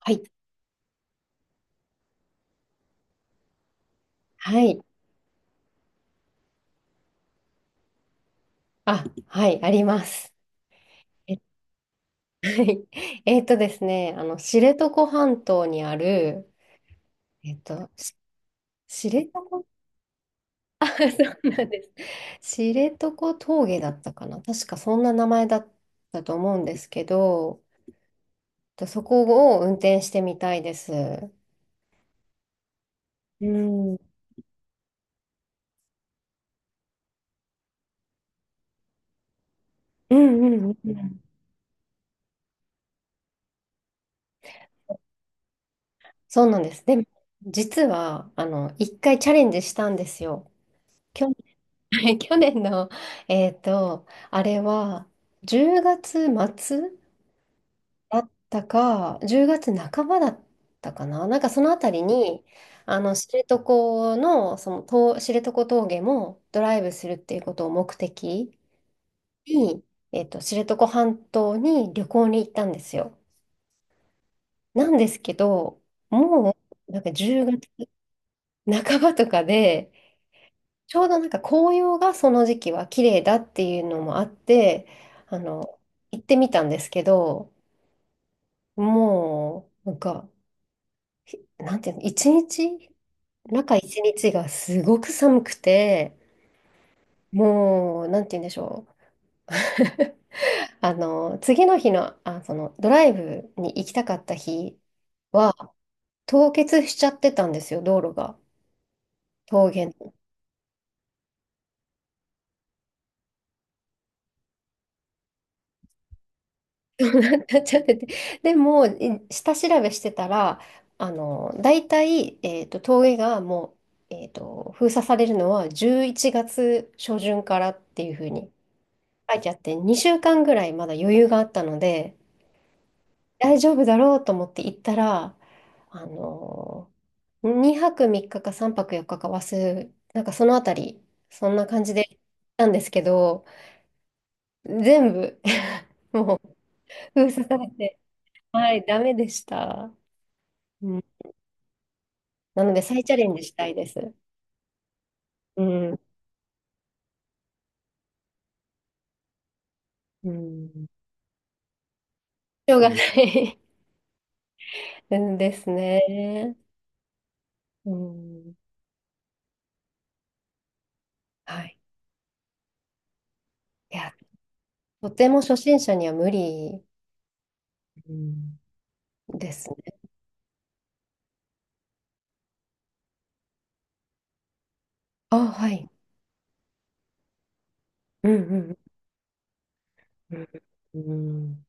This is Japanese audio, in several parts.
はい。はい。あ、はい、あります。え、はい。えっとですね、あの、知床半島にある、えっと、し知床 あ、そうなんです。知床峠だったかな。確かそんな名前だったと思うんですけど、そこを運転してみたいです。うん。うんうんうん。そうなんです。でも、実は、一回チャレンジしたんですよ。はい、去年の、あれは、10月末だったか、10月半ばだったかな。なんかそのあたりに、知床の、知床峠もドライブするっていうことを目的に、知床半島に旅行に行ったんですよ。なんですけど、もう、なんか10月半ばとかで、ちょうどなんか紅葉がその時期は綺麗だっていうのもあって、あの、行ってみたんですけど、もう、なんか、なんていうの、中一日がすごく寒くて、もう、なんていうんでしょう。次の日の、ドライブに行きたかった日は、凍結しちゃってたんですよ、道路が。峠 なっちゃってて。でも、下調べしてたら、大体、峠がもう、封鎖されるのは11月初旬からっていうふうに書いてあって、2週間ぐらいまだ余裕があったので、大丈夫だろうと思って行ったら、あの、2泊3日か3泊4日か忘れ、なんかそのあたり、そんな感じで行ったんですけど、全部 もう封鎖されて、はい、ダメでした。うん、なので再チャレンジしたいです。うん。うん。しょうがない うんですね。うん。はい。いや、とても初心者には無理うんですね。あ、はい。うんうんうん。うんうん。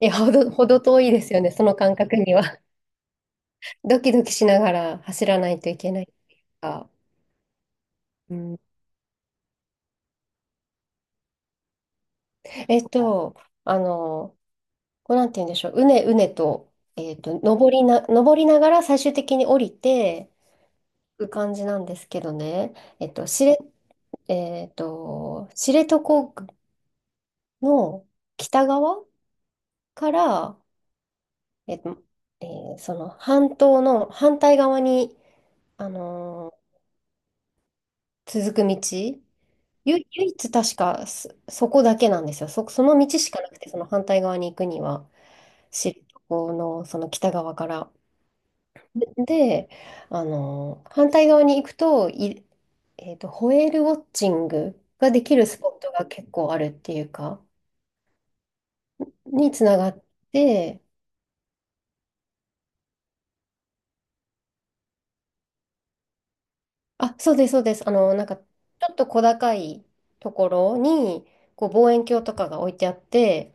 いや、ほど遠いですよね、その感覚には。ドキドキしながら走らないといけないっていうか。うん、えっと、あの、こうなんて言うんでしょう。うねうねと、登りながら最終的に降りていく感じなんですけどね。えっと、知れ、えっと、知床の北側から、えっと、その半島の反対側に、あの続く道。唯一確かそこだけなんですよ。その道しかなくて、その反対側に行くには、知床のその北側から。で、反対側に行くと、い、えっと、ホエールウォッチングができるスポットが結構あるっていうか、につながって、あ、そうです、そうです。ちょっと小高いところに、こう、望遠鏡とかが置いてあって、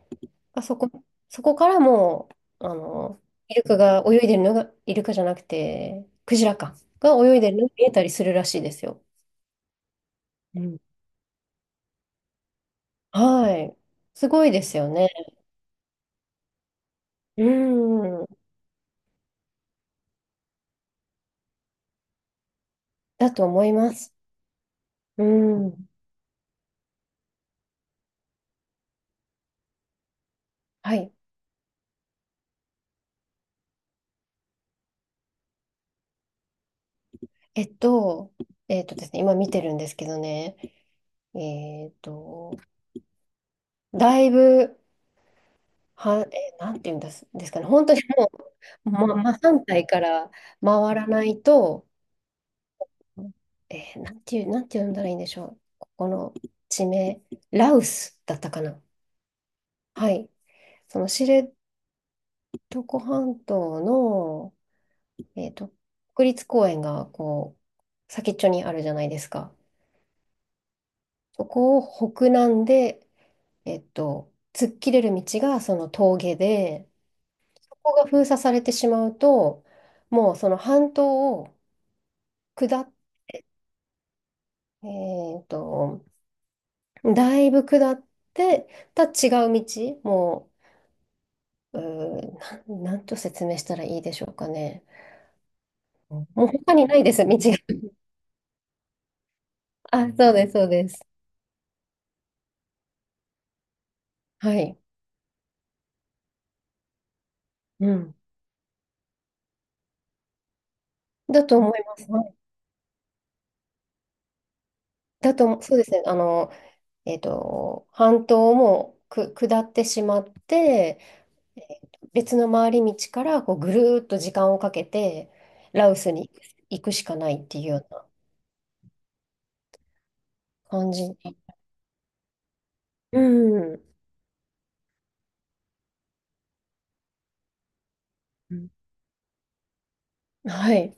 あ、そこからもう、イルカが泳いでるのが、イルカじゃなくて、クジラか、が泳いでるのが見えたりするらしいですよ。うん、はい。すごいですよね。うん。だと思います。うん。はい。えっと、えっとですね、今見てるんですけどね、えっと、だいぶ、は、え、なんて言うんですかね、本当にもう、真反対から回らないと、なんて呼んだらいいんでしょう。ここの地名、ラウスだったかな。はい。その知床半島の、えーと、国立公園がこう、先っちょにあるじゃないですか。そこを北南で、突っ切れる道がその峠で、そこが封鎖されてしまうと、もうその半島を下っ、えっと、だいぶ下ってた違う道、もう、うーなん、なんと説明したらいいでしょうかね。もう他にないです、道が。あ、そうです、そうです。はい。うん。だと思います。はい、だと、そうですね。半島も下ってしまって、別の回り道からこうぐるーっと時間をかけてラウスに行くしかないっていうような感じに。うん。うん。はい。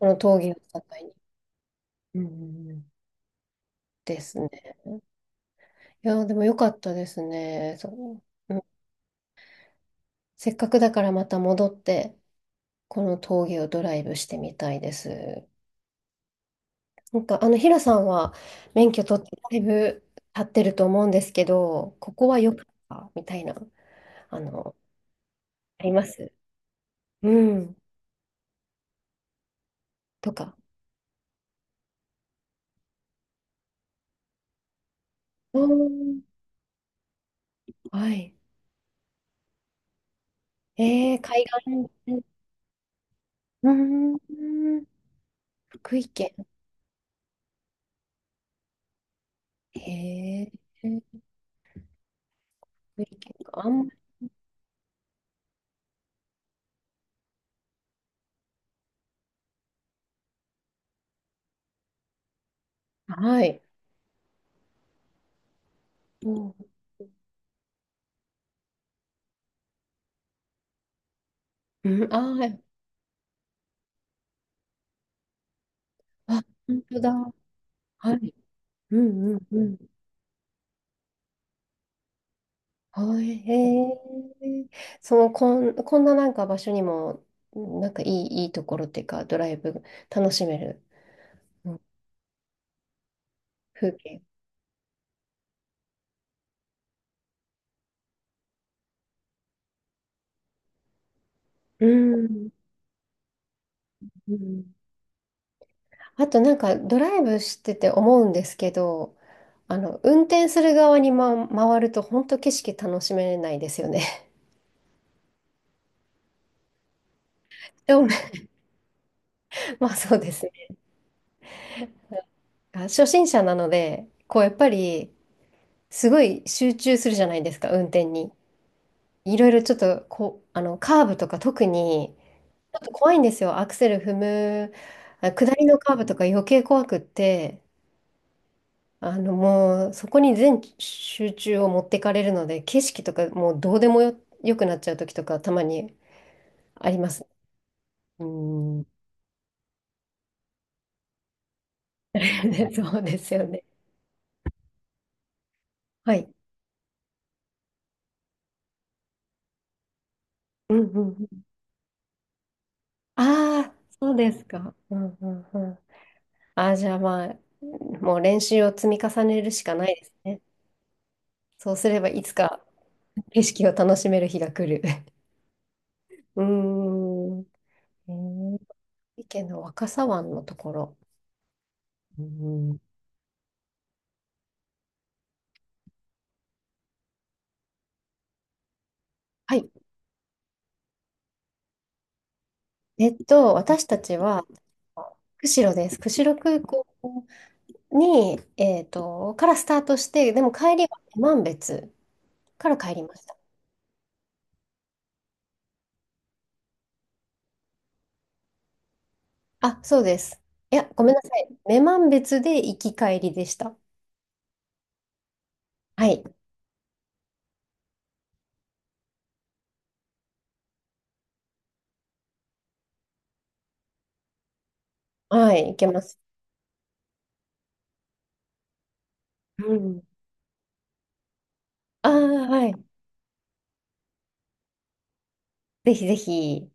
この峠を境に、うん、ですね。いやー、でも良かったですね。そう、うん。せっかくだからまた戻って、この峠をドライブしてみたいです。なんか、ヒラさんは免許取ってだいぶ経ってると思うんですけど、ここは良かったみたいな、あの、あります。うん。とか。うん。はい。えー、海岸、うん、うん、福井県。へえ、福井県か。あんまり、はい。うん、あー、あ、本当だ。はい。うん、うん、うん。はい、へえ。こんななんか場所にも、なんかいいところっていうか、ドライブ楽しめる、うん、風景。うん、うん、あとなんかドライブしてて思うんですけど、運転する側に、ま、回ると本当景色楽しめないですよね。でもまあそうですね。あ、初心者なので、こうやっぱりすごい集中するじゃないですか、運転に。いろいろちょっとこう、カーブとか特に、ちょっと怖いんですよ。アクセル踏む、あ、下りのカーブとか余計怖くって、もうそこに全集中を持ってかれるので、景色とかもうどうでもよ、よくなっちゃう時とかたまにあります。うん。そうですよね。はい。うんうんうん。ああ、そうですか。うんうんうん。ああ、じゃあまあ、もう練習を積み重ねるしかないですね。そうすればいつか景色を楽しめる日が来る。うーん。えー、意見の若狭湾のところ。うん、はい。私たちは、釧路です。釧路空港に、からスタートして、でも帰りは女満別から帰りました。あ、そうです。いや、ごめんなさい。女満別で行き帰りでした。はい。はい、行けます。うん。ああ、はい。ぜひぜひ。